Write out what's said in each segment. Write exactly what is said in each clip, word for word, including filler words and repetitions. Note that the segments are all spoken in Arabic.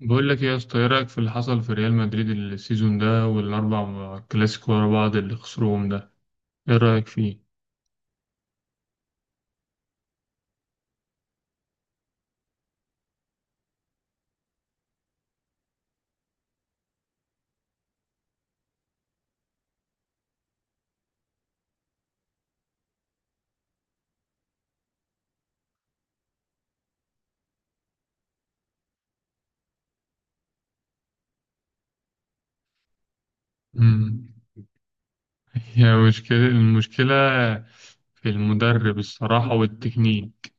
بقول لك إيه يا اسطى، ايه رايك في اللي حصل في ريال مدريد السيزون ده والاربع كلاسيكو ورا بعض اللي خسروهم ده؟ ايه رايك فيه؟ امم هي مشكله، المشكله في المدرب، الصراحه، والتكنيك.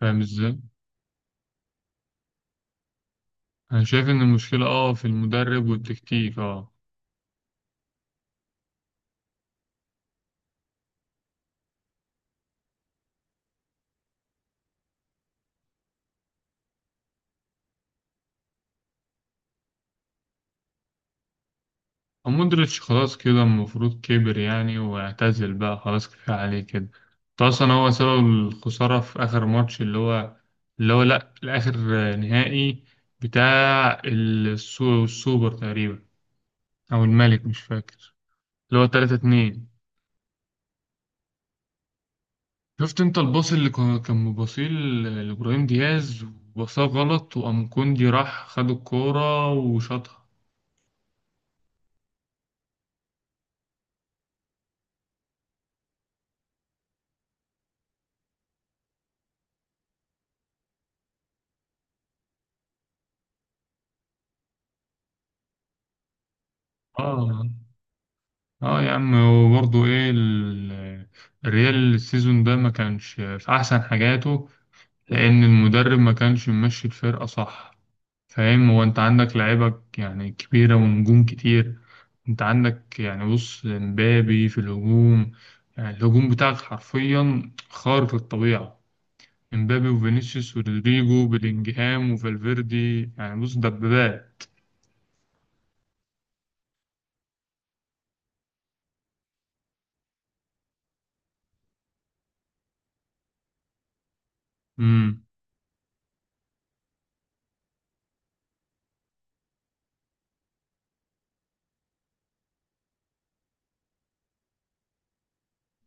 فاهم ازاي؟ انا شايف ان المشكله اه في المدرب والتكتيك اه. مودريتش خلاص كده المفروض كبر يعني واعتزل بقى، خلاص كفاية عليه كده. ده أصلا هو سبب الخسارة في آخر ماتش، اللي هو اللي هو لأ، الآخر، نهائي بتاع السو- السوبر تقريبا، أو الملك مش فاكر، اللي هو تلاتة اتنين. شفت أنت الباص اللي كان كان مباصيه ل- لإبراهيم دياز وباصاه غلط، وقام كوندي راح خد الكورة وشاطها. آه. اه يا عم، وبرضه ايه ال- الريال السيزون ده ما كانش في احسن حاجاته، لان المدرب ما كانش ممشي الفرقه صح. فاهم؟ هو انت عندك لعيبه يعني كبيره ونجوم كتير، انت عندك يعني بص امبابي في الهجوم، يعني الهجوم بتاعك حرفيا خارق للطبيعه. امبابي وفينيسيوس ورودريجو بلينجهام وفالفيردي، يعني بص دبابات. امم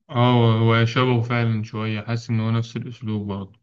اه هو شبهه فعلا شويه، حاسس ان هو نفس الاسلوب برضه.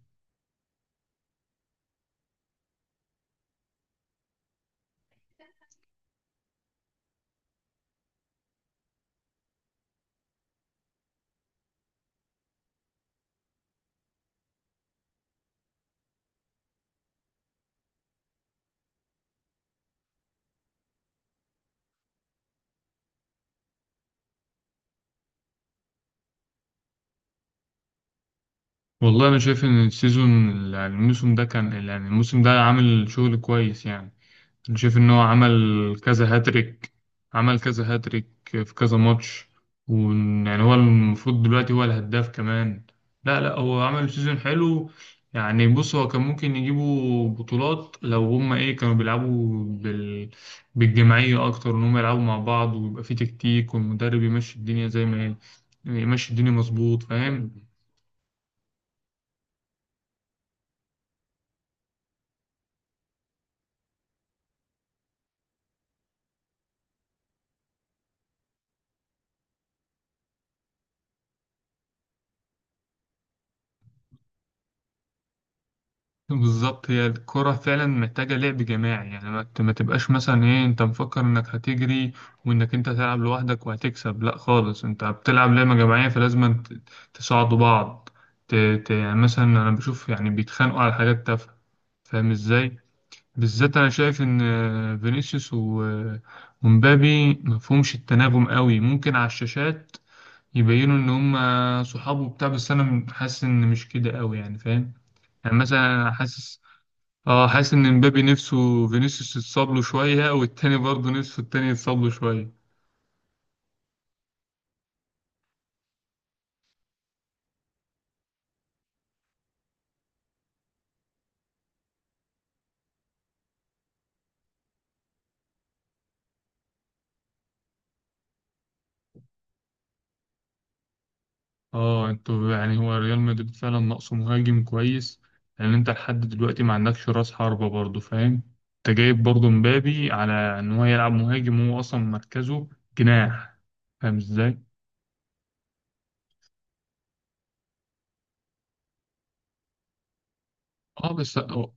والله انا شايف ان السيزون، يعني الموسم ده كان يعني الموسم ده عامل شغل كويس يعني. انا شايف ان هو عمل كذا هاتريك، عمل كذا هاتريك في كذا ماتش، ويعني هو المفروض دلوقتي هو الهداف كمان. لا لا هو عمل سيزون حلو، يعني بص هو كان ممكن يجيبوا بطولات لو هما ايه كانوا بيلعبوا بال... بالجماعية اكتر، ان هما يلعبوا مع بعض ويبقى في تكتيك والمدرب يمشي الدنيا زي ما هي، يمشي الدنيا مظبوط. فاهم؟ بالظبط، هي الكرة فعلا محتاجة لعب جماعي، يعني ما ت- ما تبقاش مثلا ايه انت مفكر انك هتجري وانك انت هتلعب لوحدك وهتكسب، لا خالص، انت بتلعب لعبة جماعية، فلازم ت- تساعدوا بعض. ت... ت... يعني مثلا انا بشوف يعني بيتخانقوا على حاجات تافهة. فاهم ازاي؟ بالذات انا شايف ان آه، فينيسيوس و... آه، ومبابي مفهومش التناغم قوي، ممكن على الشاشات يبينوا ان هم صحاب وبتاع، بس انا حاسس ان مش كده قوي يعني. فاهم؟ يعني مثلا انا حاسس، اه حاسس ان مبابي نفسه فينيسيوس يتصاب له شويه، والتاني برضه نفسه التاني يتصاب له شويه. اه انتوا، يعني هو ريال مدريد فعلا ناقصه مهاجم كويس، لان انت لحد دلوقتي ما عندكش راس حربه برضه. فاهم؟ انت جايب برضه مبابي على ان هو يلعب مهاجم، وهو اصلا مركزه جناح. فاهم ازاي؟ اه بس هو،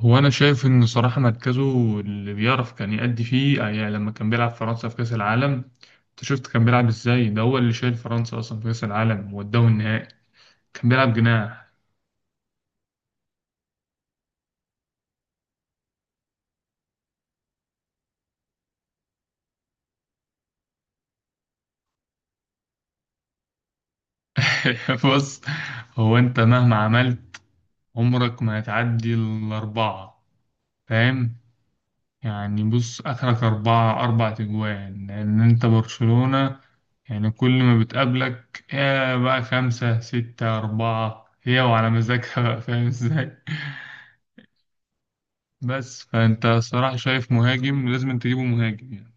هو انا شايف ان صراحه مركزه اللي بيعرف كان يأدي فيه، آه، يعني لما كان بيلعب فرنسا في كاس العالم، انت شفت كان بيلعب ازاي؟ ده هو اللي شايل فرنسا اصلا في كاس العالم، وداه النهائي. كان بيلعب جناح. بص، هو انت مهما عملت عمرك ما هتعدي الأربعة. فاهم؟ يعني بص آخرك أربعة، أربع تجوان، لأن انت برشلونة، يعني كل ما بتقابلك يا بقى خمسة ستة أربعة، هي وعلى مزاجها بقى. فاهم ازاي؟ بس فانت صراحة شايف مهاجم لازم تجيبه، مهاجم يعني.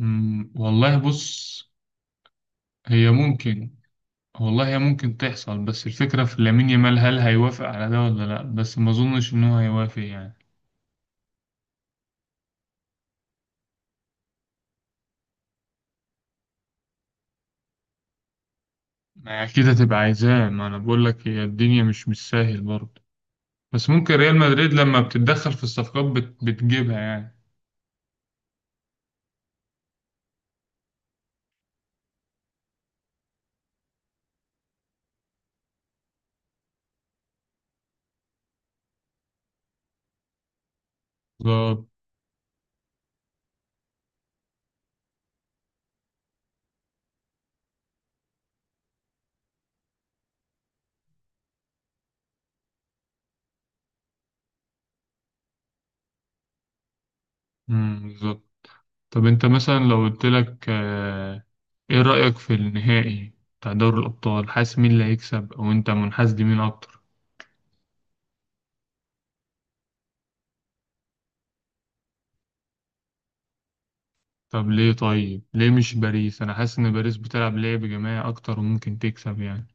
أمم، والله بص، هي ممكن، والله هي ممكن تحصل، بس الفكرة في لامين يامال هل هيوافق على ده ولا لأ، بس ما أظنش إن هو هيوافق يعني. ما هي أكيد هتبقى عايزاه، ما أنا بقول لك هي الدنيا مش مش سهل برضه، بس ممكن ريال مدريد لما بتتدخل في الصفقات بت... بتجيبها يعني. بالظبط. أمم، بالظبط. طب أنت مثلا لو قلت لك، آه، إيه رأيك في النهائي بتاع دوري الأبطال؟ حاسس مين اللي هيكسب؟ أو أنت منحاز لمين أكتر؟ طب ليه؟ طيب ليه مش باريس؟ أنا حاسس إن باريس بتلعب لعب جماعي أكتر وممكن تكسب يعني.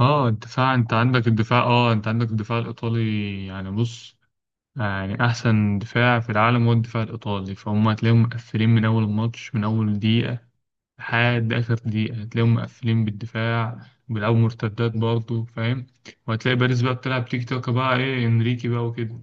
اه الدفاع، انت عندك الدفاع، اه انت عندك الدفاع الايطالي، يعني بص، آه، يعني احسن دفاع في العالم هو الدفاع الايطالي، فهم هتلاقيهم مقفلين من اول الماتش، من اول دقيقه لحد اخر دقيقه هتلاقيهم مقفلين بالدفاع، بيلعبوا مرتدات برضه. فاهم؟ وهتلاقي باريس بقى بتلعب تيك تاك بقى، ايه انريكي بقى وكده.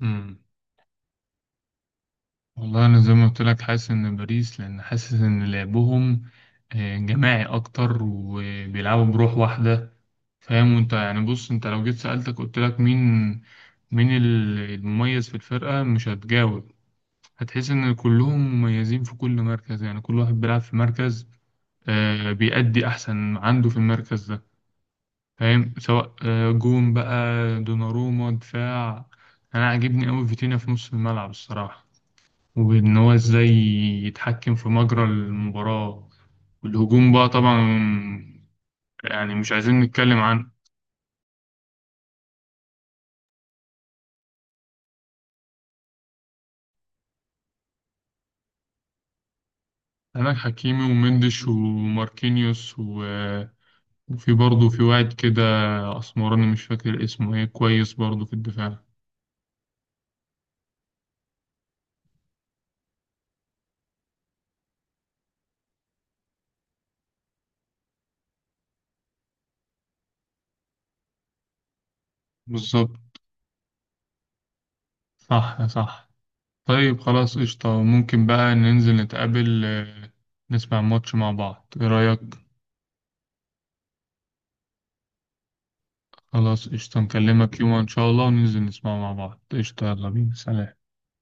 امم والله انا زي ما قلت لك حاسس ان باريس، لان حاسس ان لعبهم، آه، جماعي اكتر، وبيلعبوا بروح واحده. فاهم؟ وانت يعني بص، انت لو جيت سألتك قلت لك مين، مين ال- المميز في الفرقة، مش هتجاوب. هتحس ان كلهم مميزين في كل مركز، يعني كل واحد بيلعب في مركز، آه، بيأدي احسن ما عنده في المركز ده. فاهم؟ سواء آه، جون بقى، دوناروما دفاع، انا عاجبني قوي فيتينيا في نص الملعب الصراحة، وان هو ازاي يتحكم في مجرى المباراة، والهجوم بقى طبعا يعني مش عايزين نتكلم عنه. عندك حكيمي ومندش وماركينيوس و... وفي برضه في واحد كده أسمراني مش فاكر اسمه ايه كويس برضه في الدفاع. بالظبط. صح صح. طيب خلاص قشطة، ممكن بقى ننزل نتقابل، آه، نسمع ماتش مع بعض، ايه رأيك؟ خلاص قشطة، نكلمك يوم إن شاء الله وننزل نسمع مع بعض، قشطة، يلا بينا، سلام.